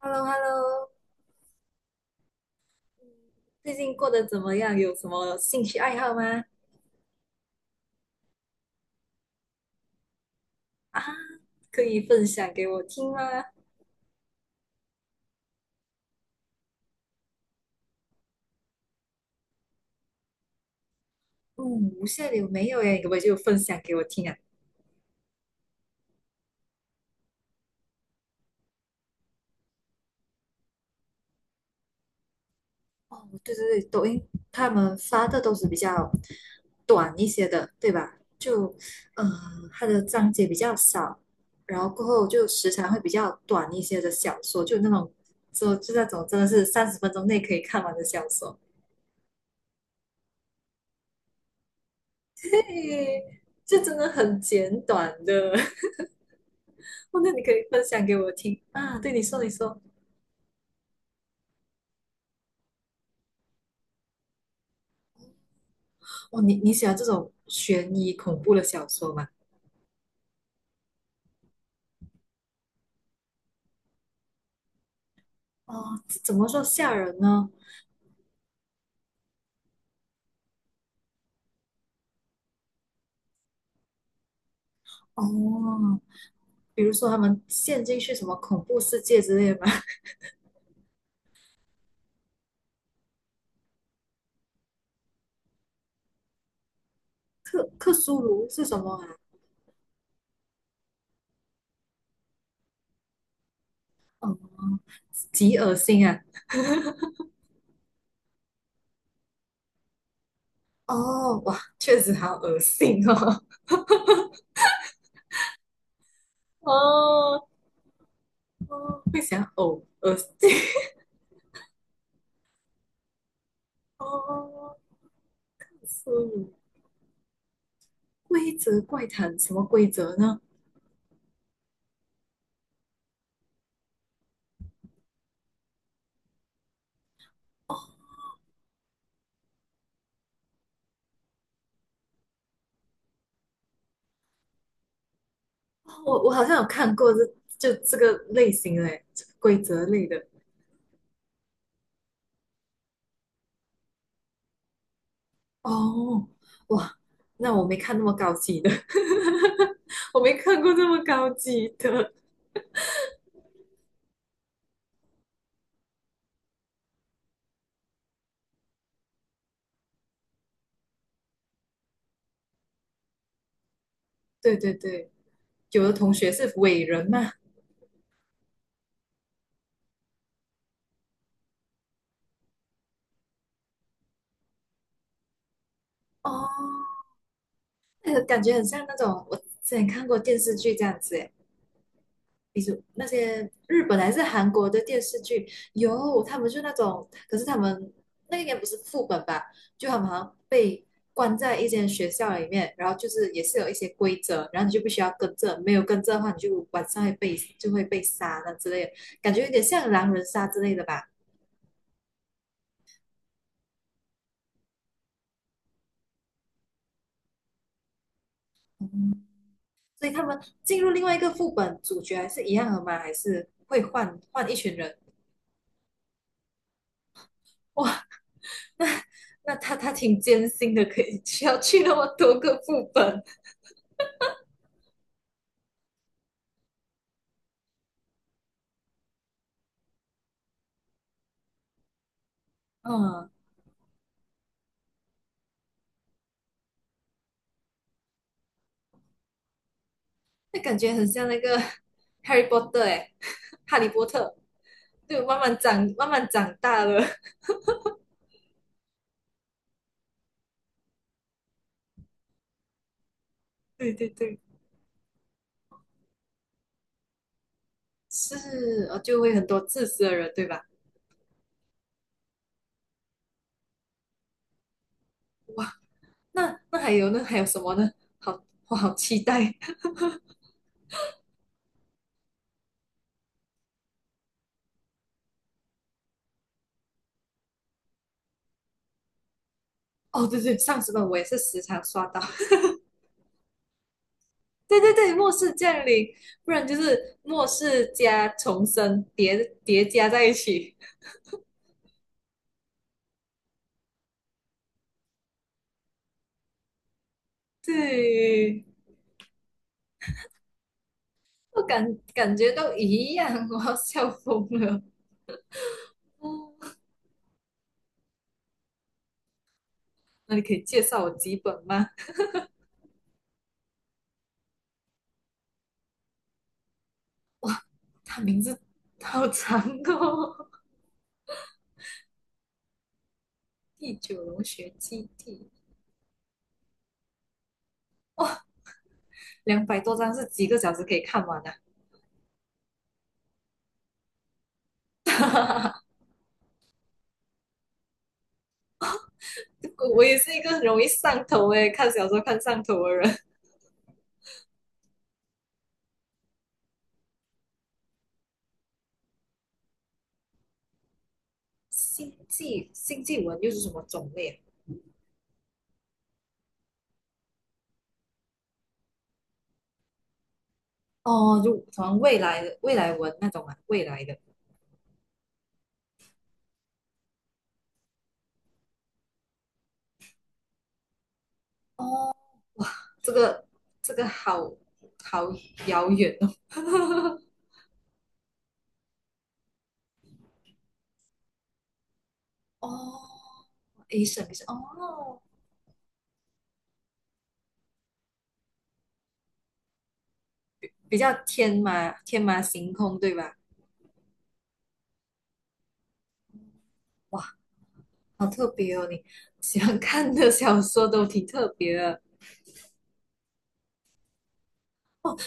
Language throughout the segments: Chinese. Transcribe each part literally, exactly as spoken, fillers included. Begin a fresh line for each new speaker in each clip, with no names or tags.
h e l l o h e l l o 最近过得怎么样？有什么兴趣爱好吗？啊，可以分享给我听吗？嗯，无限流没有耶，你可不可以就分享给我听啊？哦，对对对，抖音他们发的都是比较短一些的，对吧？就，呃，它的章节比较少，然后过后就时长会比较短一些的小说，就那种，就就那种真的是三十分钟内可以看完的小说，对，这真的很简短的。哦，那你可以分享给我听啊。对，你说，你说，哦，你你喜欢这种悬疑恐怖的小说吗？哦，这怎么说吓人呢？哦，比如说他们陷进去什么恐怖世界之类的吗？克苏鲁是什么啊？哦，极恶心啊！哦，哇，确实好恶心哦。哦，哦，会想呕，恶心。哦，克苏鲁规则怪谈，什么规则呢？哦我我好像有看过这就这个类型嘞，这个规则类的。哦，哇，那我没看那么高级的，我没看过这么高级的。对对对，有的同学是伟人嘛。哦，那个感觉很像那种我之前看过电视剧这样子，比如那些日本还是韩国的电视剧，有他们就那种，可是他们那个应该不是副本吧？就他们好像被关在一间学校里面，然后就是也是有一些规则，然后你就必须要跟着，没有跟着的话，你就晚上会被就会被杀那之类的，感觉有点像狼人杀之类的吧。嗯，所以他们进入另外一个副本，主角还是一样的吗？还是会换换一群人？哇，那他他挺艰辛的，可以需要去那么多个副本，嗯。那感觉很像那个 Harry Potter 哎，哈利波特，对，慢慢长，慢慢长大了，对对对，是，呃，就会很多自私的人，对吧？哇，那那还有呢？还有什么呢？好，我好期待。哦，对对，上次本我也是时常刷到，对对对，末世降临，不然就是末世加重生叠叠加在一起，对，我感感觉都一样，我要笑疯了。哦，那你可以介绍我几本吗？他名字好长哦，第九龙学基地，两百多章是几个小时可以看完的、啊。我也是一个很容易上头诶，看小说看上头的人。星际星际文又是什么种类啊哦，就好像未来的未来文那种啊，未来的。哦，这个这个好好遥远哦。哦，A 么 A 审哦，比较天马天马行空对吧？哇，好特别哦，你喜欢看的小说都挺特别的，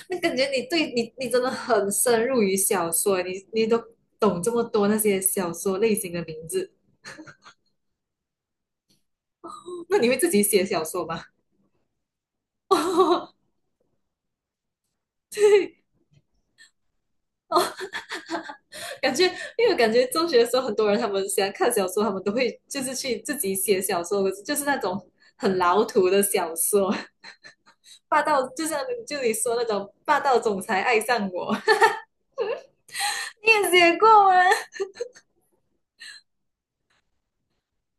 那感觉你对你你真的很深入于小说欸，你你都懂这么多那些小说类型的名字，那你会自己写小说吗？哦，对，感觉因为我感觉中学的时候，很多人他们喜欢看小说，他们都会就是去自己写小说，可是就是那种很老土的小说，霸道就像就你说那种霸道总裁爱上我，你也写过吗？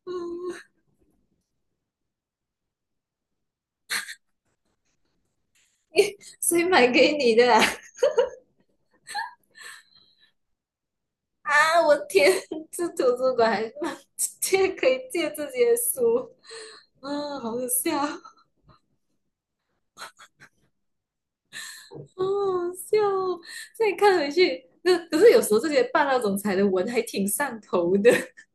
你谁买给你的啊？啊，我天，这图书馆还借可以借这些书，啊，好好笑，好好笑哦再看回去，那可是有时候这些霸道总裁的文还挺上头的。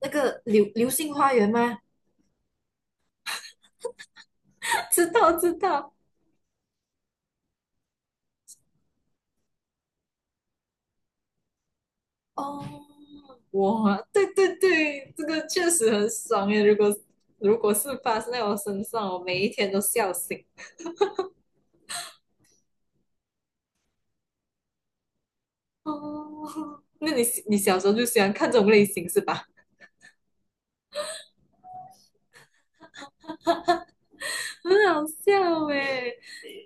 那个流流星花园吗？知道知道哦，哇，对对对，这个确实很爽耶！如果如果是发生在我身上，我每一天都笑醒。哦，那你你小时候就喜欢看这种类型是吧？很好笑哎、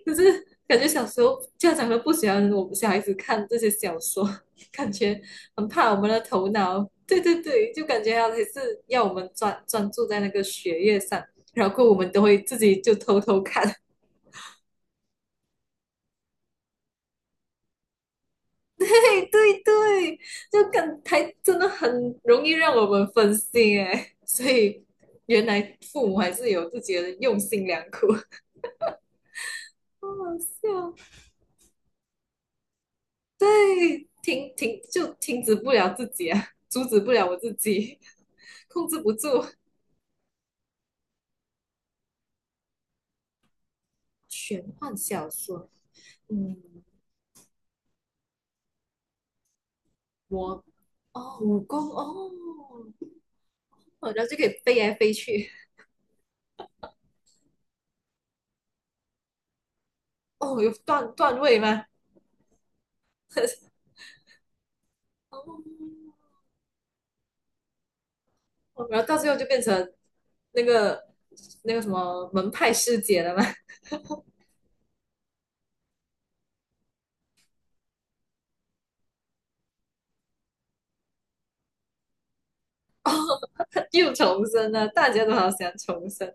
可是感觉小时候家长都不喜欢我们小孩子看这些小说，感觉很怕我们的头脑。对对对，就感觉还是要我们专专注在那个学业上，然后我们都会自己就偷偷看。对对对，就感还真的很容易让我们分心哎，所以原来父母还是有自己的用心良苦，好好笑。对，停停就停止不了自己啊，阻止不了我自己，控制不住。玄幻小说，嗯，我哦，武功哦，哦然后就可以飞来飞去，哦，有段段位吗？哦，然后到最后就变成那个那个什么门派师姐了吗？又重生了，大家都好想重生，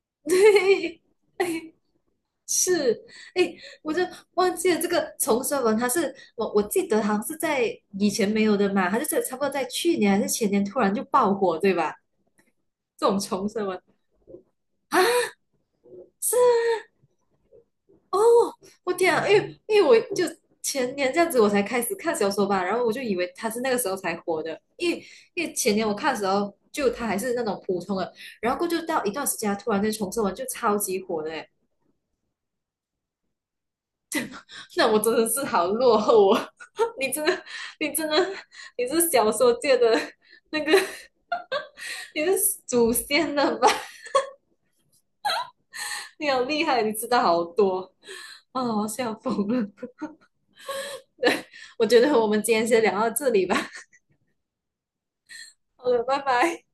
对，哎是，哎，我就忘记了这个重生文，它是我我记得好像是在以前没有的嘛，它就是差不多在去年还是前年突然就爆火，对吧？这种重生文，我天啊，因为因为我就前年这样子我才开始看小说吧，然后我就以为它是那个时候才火的，因为因为前年我看的时候就它还是那种普通的，然后过后就到一段时间，它突然间重生文就超级火的，那我真的是好落后哦！你真的，你真的，你是小说界的那个，你是祖先了吧？你好厉害，你知道好多啊！笑疯了。我觉得我们今天先聊到这里吧。好了，拜拜。